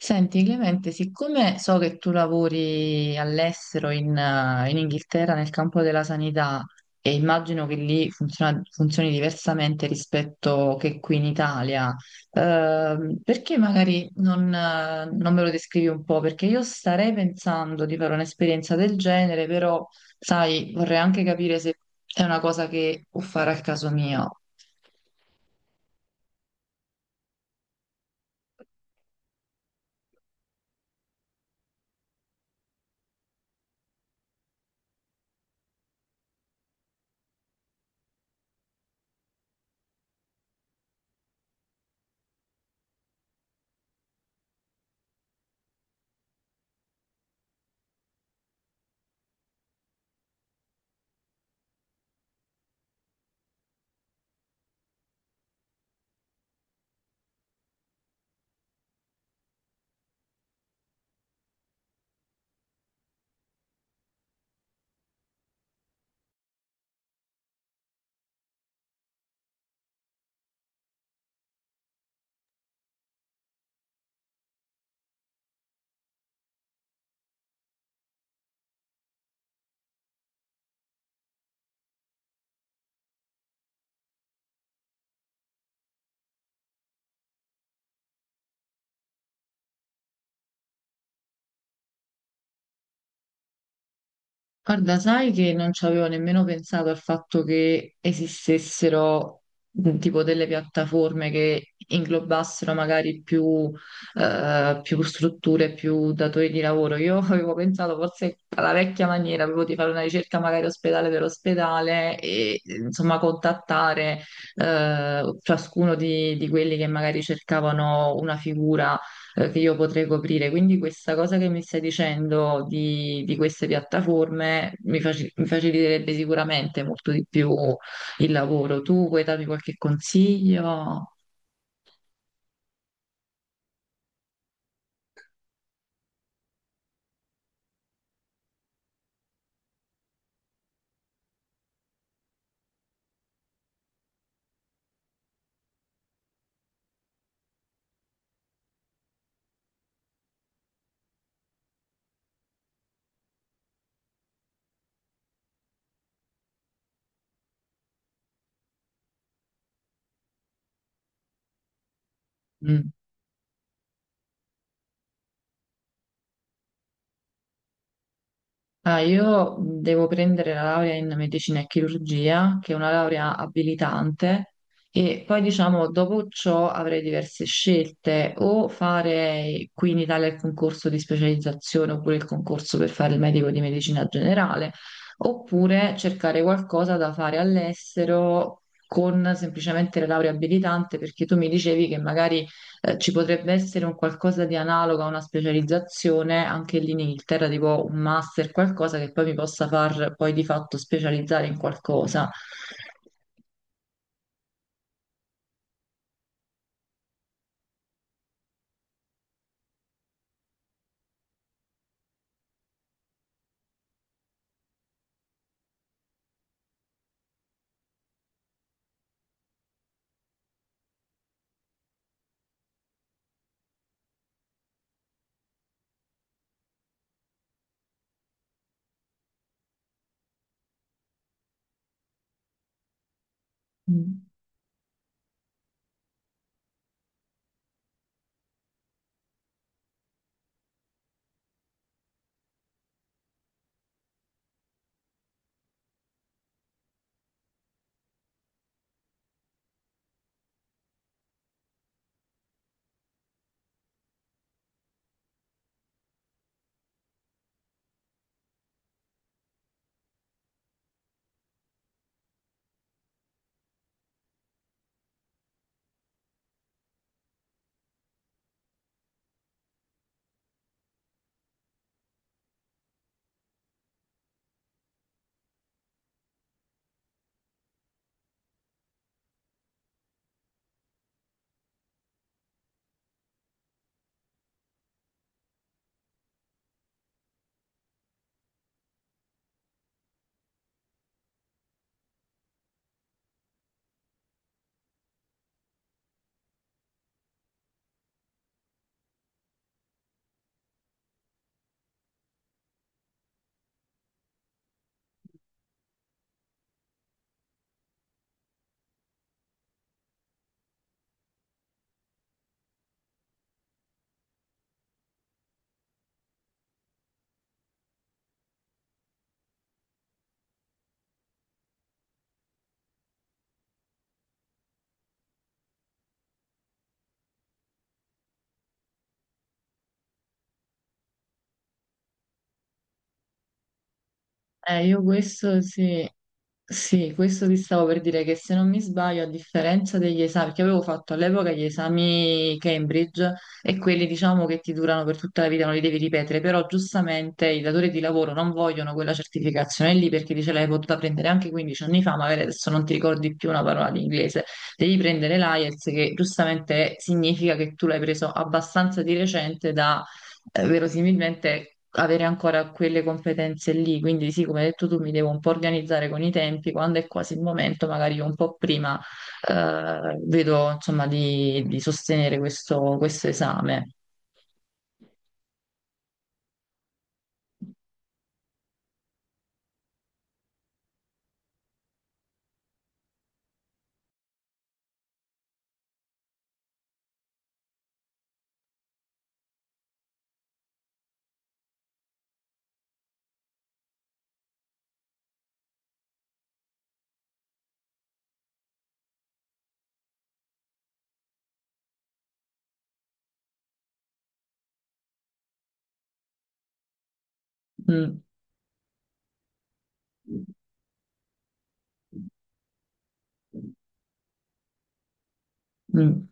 Senti, Clemente, siccome so che tu lavori all'estero in Inghilterra nel campo della sanità e immagino che lì funzioni diversamente rispetto che qui in Italia, perché magari non me lo descrivi un po'? Perché io starei pensando di fare un'esperienza del genere, però, sai, vorrei anche capire se è una cosa che può fare al caso mio. Guarda, sai che non ci avevo nemmeno pensato al fatto che esistessero tipo delle piattaforme che inglobassero magari più strutture, più datori di lavoro. Io avevo pensato forse alla vecchia maniera, avevo di fare una ricerca magari ospedale per ospedale e insomma contattare ciascuno di quelli che magari cercavano una figura che io potrei coprire. Quindi questa cosa che mi stai dicendo di queste piattaforme mi faciliterebbe sicuramente molto di più il lavoro. Tu puoi darmi qualche consiglio? Mm. Ah, io devo prendere la laurea in medicina e chirurgia, che è una laurea abilitante, e poi diciamo dopo ciò avrei diverse scelte, o fare qui in Italia il concorso di specializzazione oppure il concorso per fare il medico di medicina generale, oppure cercare qualcosa da fare all'estero con semplicemente la laurea abilitante, perché tu mi dicevi che magari ci potrebbe essere un qualcosa di analogo a una specializzazione anche lì in Inghilterra, tipo un master, qualcosa che poi mi possa far poi di fatto specializzare in qualcosa. Mm. Io questo sì, sì, questo ti stavo per dire che se non mi sbaglio, a differenza degli esami, perché avevo fatto all'epoca gli esami Cambridge e quelli diciamo che ti durano per tutta la vita, non li devi ripetere, però giustamente i datori di lavoro non vogliono quella certificazione lì perché dice l'hai potuta prendere anche 15 anni fa, magari adesso non ti ricordi più una parola di inglese, devi prendere l'IELTS che giustamente significa che tu l'hai preso abbastanza di recente da verosimilmente avere ancora quelle competenze lì. Quindi sì, come hai detto tu, mi devo un po' organizzare con i tempi, quando è quasi il momento, magari io un po' prima vedo insomma di sostenere questo, questo esame. Mm. Mm.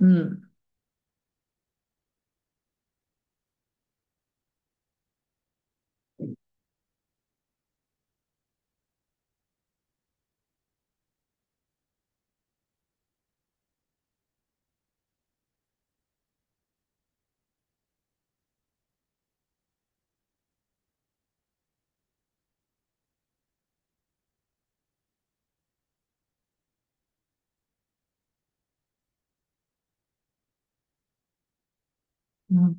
Mm. Mm.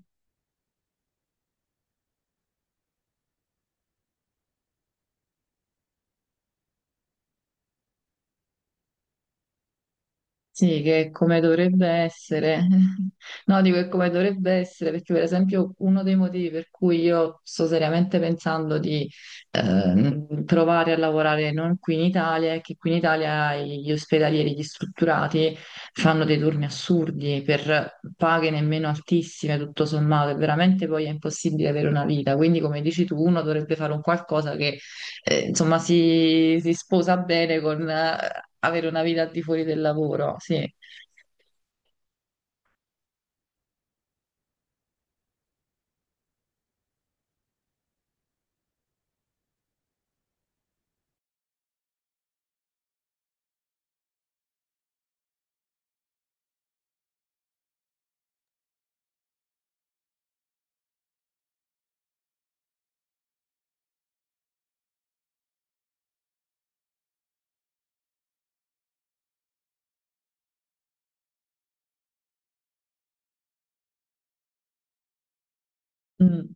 Sì, che è come dovrebbe essere. No, dico che è come dovrebbe essere, perché per esempio uno dei motivi per cui io sto seriamente pensando di provare a lavorare non qui in Italia è che qui in Italia gli ospedalieri, gli strutturati fanno dei turni assurdi per paghe nemmeno altissime, tutto sommato, e veramente poi è impossibile avere una vita. Quindi, come dici tu, uno dovrebbe fare un qualcosa che insomma, si sposa bene con avere una vita al di fuori del lavoro, sì. Mm.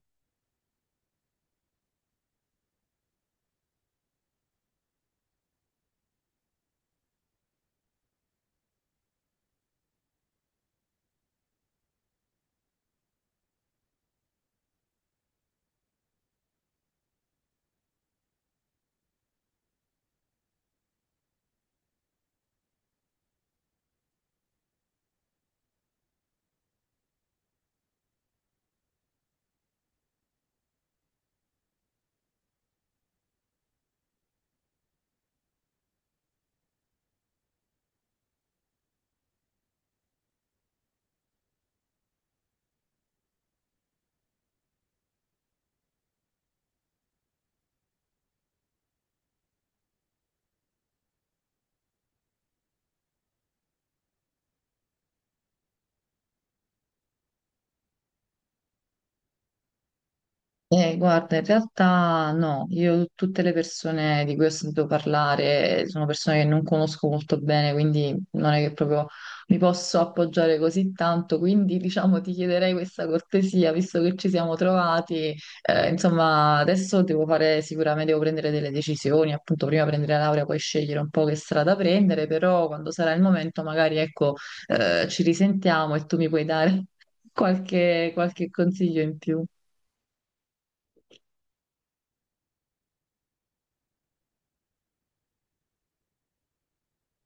Guarda, in realtà no, io tutte le persone di cui ho sentito parlare sono persone che non conosco molto bene, quindi non è che proprio mi posso appoggiare così tanto, quindi diciamo ti chiederei questa cortesia, visto che ci siamo trovati, insomma adesso devo fare sicuramente, devo prendere delle decisioni, appunto prima prendere la laurea, poi scegliere un po' che strada prendere, però quando sarà il momento magari ecco ci risentiamo e tu mi puoi dare qualche consiglio in più.